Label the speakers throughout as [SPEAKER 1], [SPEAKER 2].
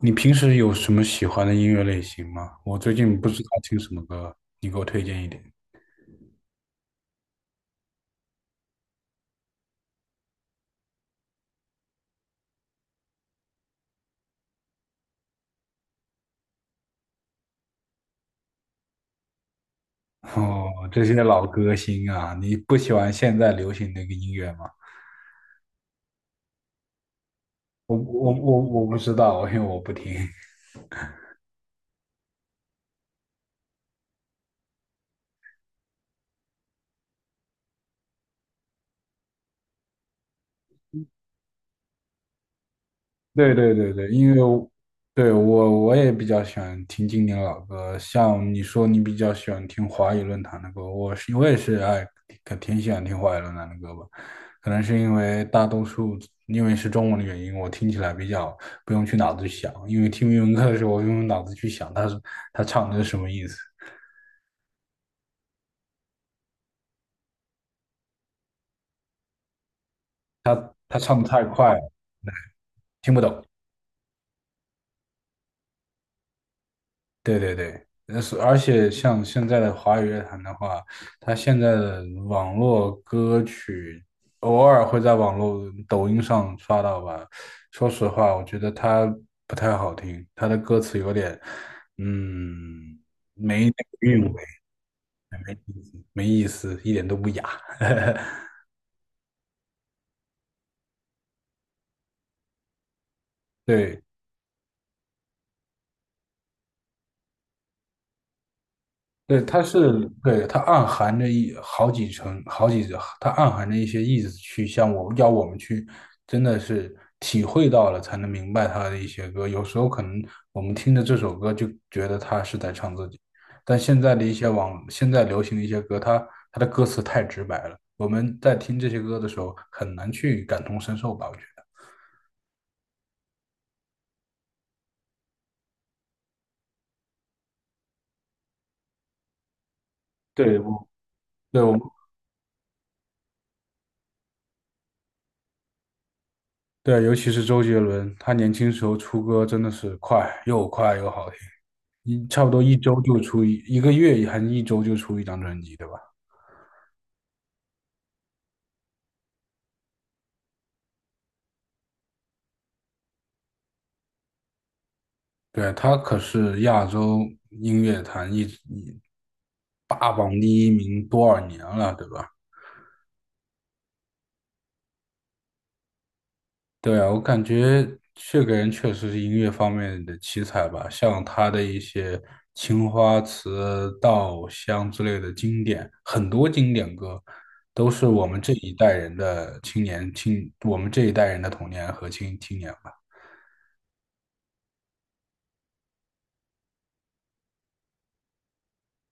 [SPEAKER 1] 你平时有什么喜欢的音乐类型吗？我最近不知道听什么歌，你给我推荐一点。哦，这些老歌星啊，你不喜欢现在流行那个音乐吗？我不知道，因为我不听。对对对对，因为我对，我也比较喜欢听经典老歌，像你说你比较喜欢听华语论坛的歌，我是我也是爱可挺喜欢听华语论坛的歌吧，可能是因为大多数因为是中文的原因，我听起来比较不用去脑子去想，因为听英文歌的时候，我用脑子去想他是他唱的是什么意思，他唱的太快了，听不懂。对对对，是而且像现在的华语乐坛的话，它现在的网络歌曲偶尔会在网络抖音上刷到吧。说实话，我觉得它不太好听，它的歌词有点，嗯，韵味没意思，一点都不雅。对，对，它是对它暗含着一好几层好几，它暗含着一些意思去向我要我们去，真的是体会到了才能明白它的一些歌。有时候可能我们听着这首歌就觉得他是在唱自己，但现在的一些网现在流行的一些歌，它的歌词太直白了，我们在听这些歌的时候很难去感同身受吧，我觉得。对，我，对，我，对，尤其是周杰伦，他年轻时候出歌真的是快又快又好听。一差不多一周就出一个月，还是一周就出一张专辑，对吧？对，他可是亚洲音乐坛一直霸榜第一名多少年了，对吧？对啊，我感觉这个人确实是音乐方面的奇才吧，像他的一些《青花瓷》《稻香》之类的经典，很多经典歌都是我们这一代人的青年青，我们这一代人的童年和青年。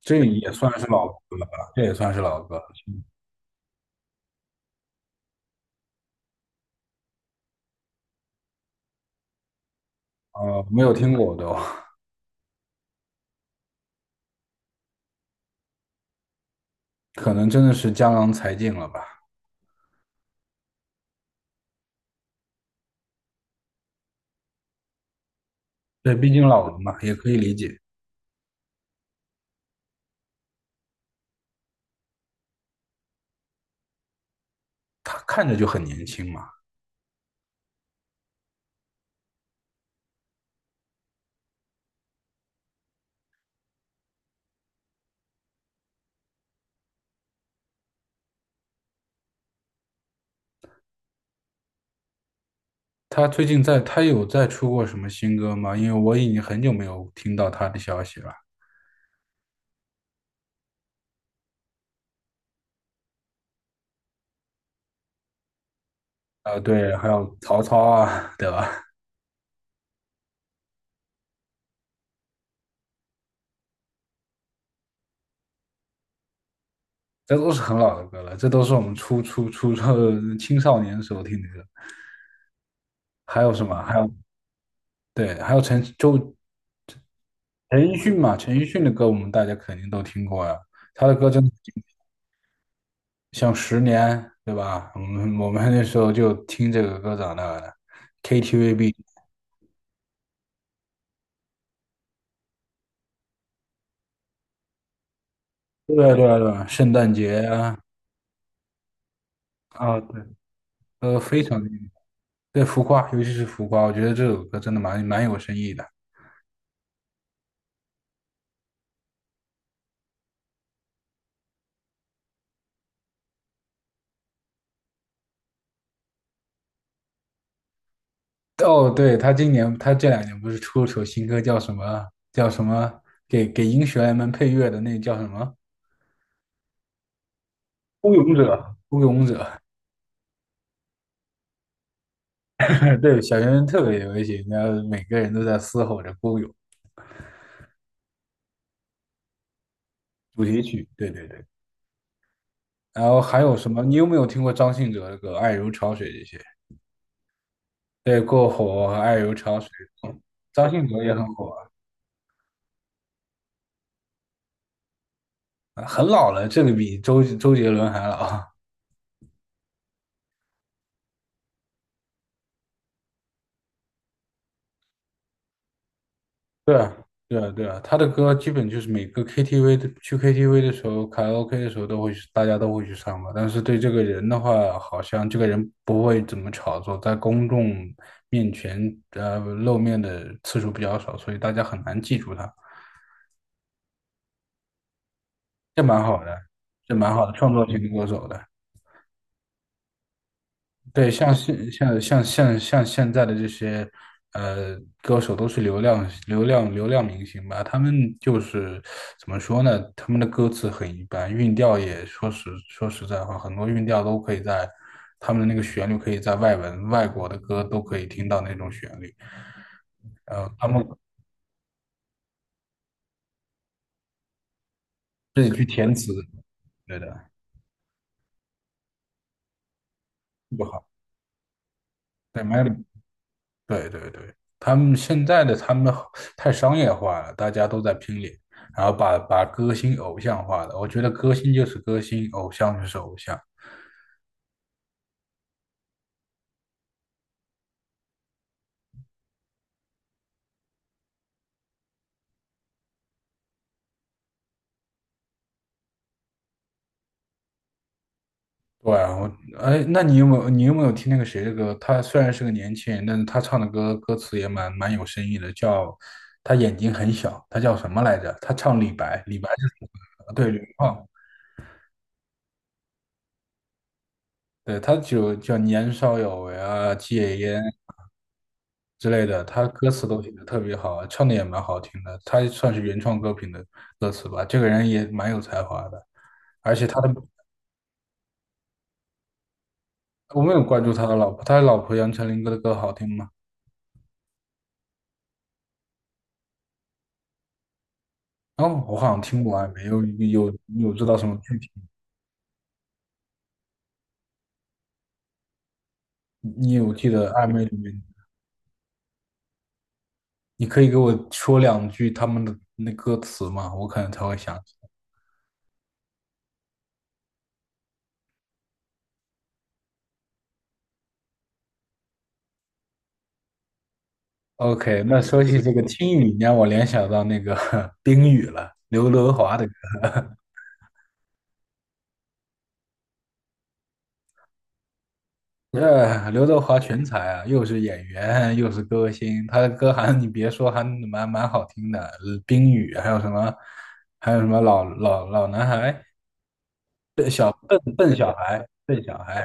[SPEAKER 1] 这也算是老歌了吧？这也算是老歌。没有听过都，可能真的是江郎才尽了吧？对，毕竟老了嘛，也可以理解。他看着就很年轻嘛。他最近在，他有在出过什么新歌吗？因为我已经很久没有听到他的消息了。对，还有曹操啊，对吧？这都是很老的歌了，这都是我们初初初初青少年时候听的歌。还有什么？还有对，还有陈奕迅嘛，陈奕迅的歌我们大家肯定都听过呀、他的歌真的。像十年，对吧？我们那时候就听这个歌长大的。对啊，对啊，对啊，圣诞节啊，啊，对，都非常经典。对浮夸，尤其是浮夸，我觉得这首歌真的蛮有深意的。哦，对，他今年他这2年不是出了首新歌，叫什么？叫什么？给英雄们配乐的那叫什么？孤勇者，孤勇者。对，小学生特别流行，然后每个人都在嘶吼着孤勇主题曲。对对对。然后还有什么？你有没有听过张信哲的歌《爱如潮水》这些？对，过火和爱如潮水，张信哲也很火啊，很老了，这个比周杰伦还老。对啊，对啊，对啊，他的歌基本就是每个 KTV 的去 KTV 的时候，卡拉 OK 的时候都会去，大家都会去唱吧。但是对这个人的话，好像这个人不会怎么炒作，在公众面前露面的次数比较少，所以大家很难记住他。这蛮好的，这蛮好的，创作型歌手的。对，像现像像像像现在的这些呃歌手都是流量明星吧，他们就是怎么说呢？他们的歌词很一般，韵调也说实在话，很多韵调都可以在他们的那个旋律可以在外文外国的歌都可以听到那种旋律，他们自己去填词，对的，不好，对，麦有对对对，他们现在的他们好太商业化了，大家都在拼脸，然后把把歌星偶像化了。我觉得歌星就是歌星，偶像就是偶像。对啊，我哎，那你有没有听那个谁的歌？他虽然是个年轻人，但是他唱的歌歌词也蛮有深意的，叫他眼睛很小，他叫什么来着？他唱李白，李白是对吕方，对他就叫年少有为啊，戒烟之类的，他歌词都写的特别好啊，唱的也蛮好听的，他算是原创歌品的歌词吧。这个人也蛮有才华的，而且他的我没有关注他的老婆，他的老婆杨丞琳歌的歌好听吗？哦，我好像听过暧昧，有，有有知道什么具体？你有记得暧昧里面，你可以给我说两句他们的那歌词吗？我可能才会想起来。OK，那说起这个听雨，你让我联想到那个 冰雨了，刘德华的。这刘德华全才啊，又是演员，又是歌星，他的歌还你别说，还蛮好听的。冰雨，还有什么，还有什么老男孩，笨小孩，笨小孩。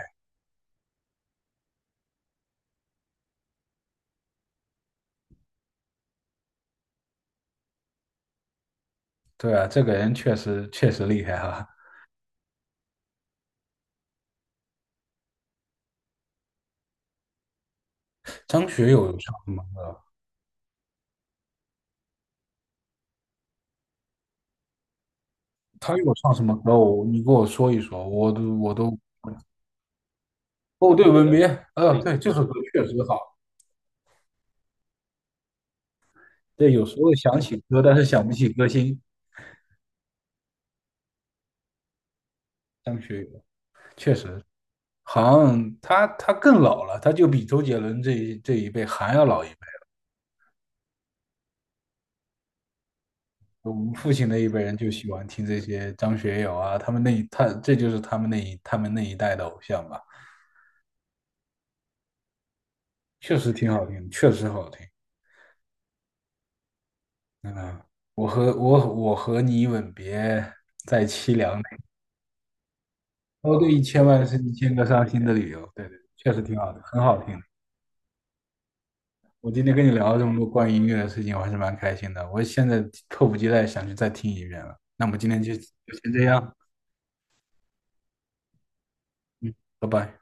[SPEAKER 1] 对啊，这个人确实厉害哈、张学友有唱什么歌？他有唱什么歌？我你给我说一说，我都哦，对，吻别，呃，对，这首歌确实好。对，有时候想起歌，但是想不起歌星。张学友确实。好像他更老了，他就比周杰伦这一辈还要老一辈。我们父亲那一辈人就喜欢听这些张学友啊，他们那一他这就是他们那一他们那一代的偶像吧，确实挺好听，确实好听。嗯，我和我我和你吻别在凄凉内，哦对，一千万是一千个伤心的理由，对对，确实挺好的，很好听的。我今天跟你聊了这么多关于音乐的事情，我还是蛮开心的。我现在迫不及待想去再听一遍了。那我们今天就先这样，拜拜。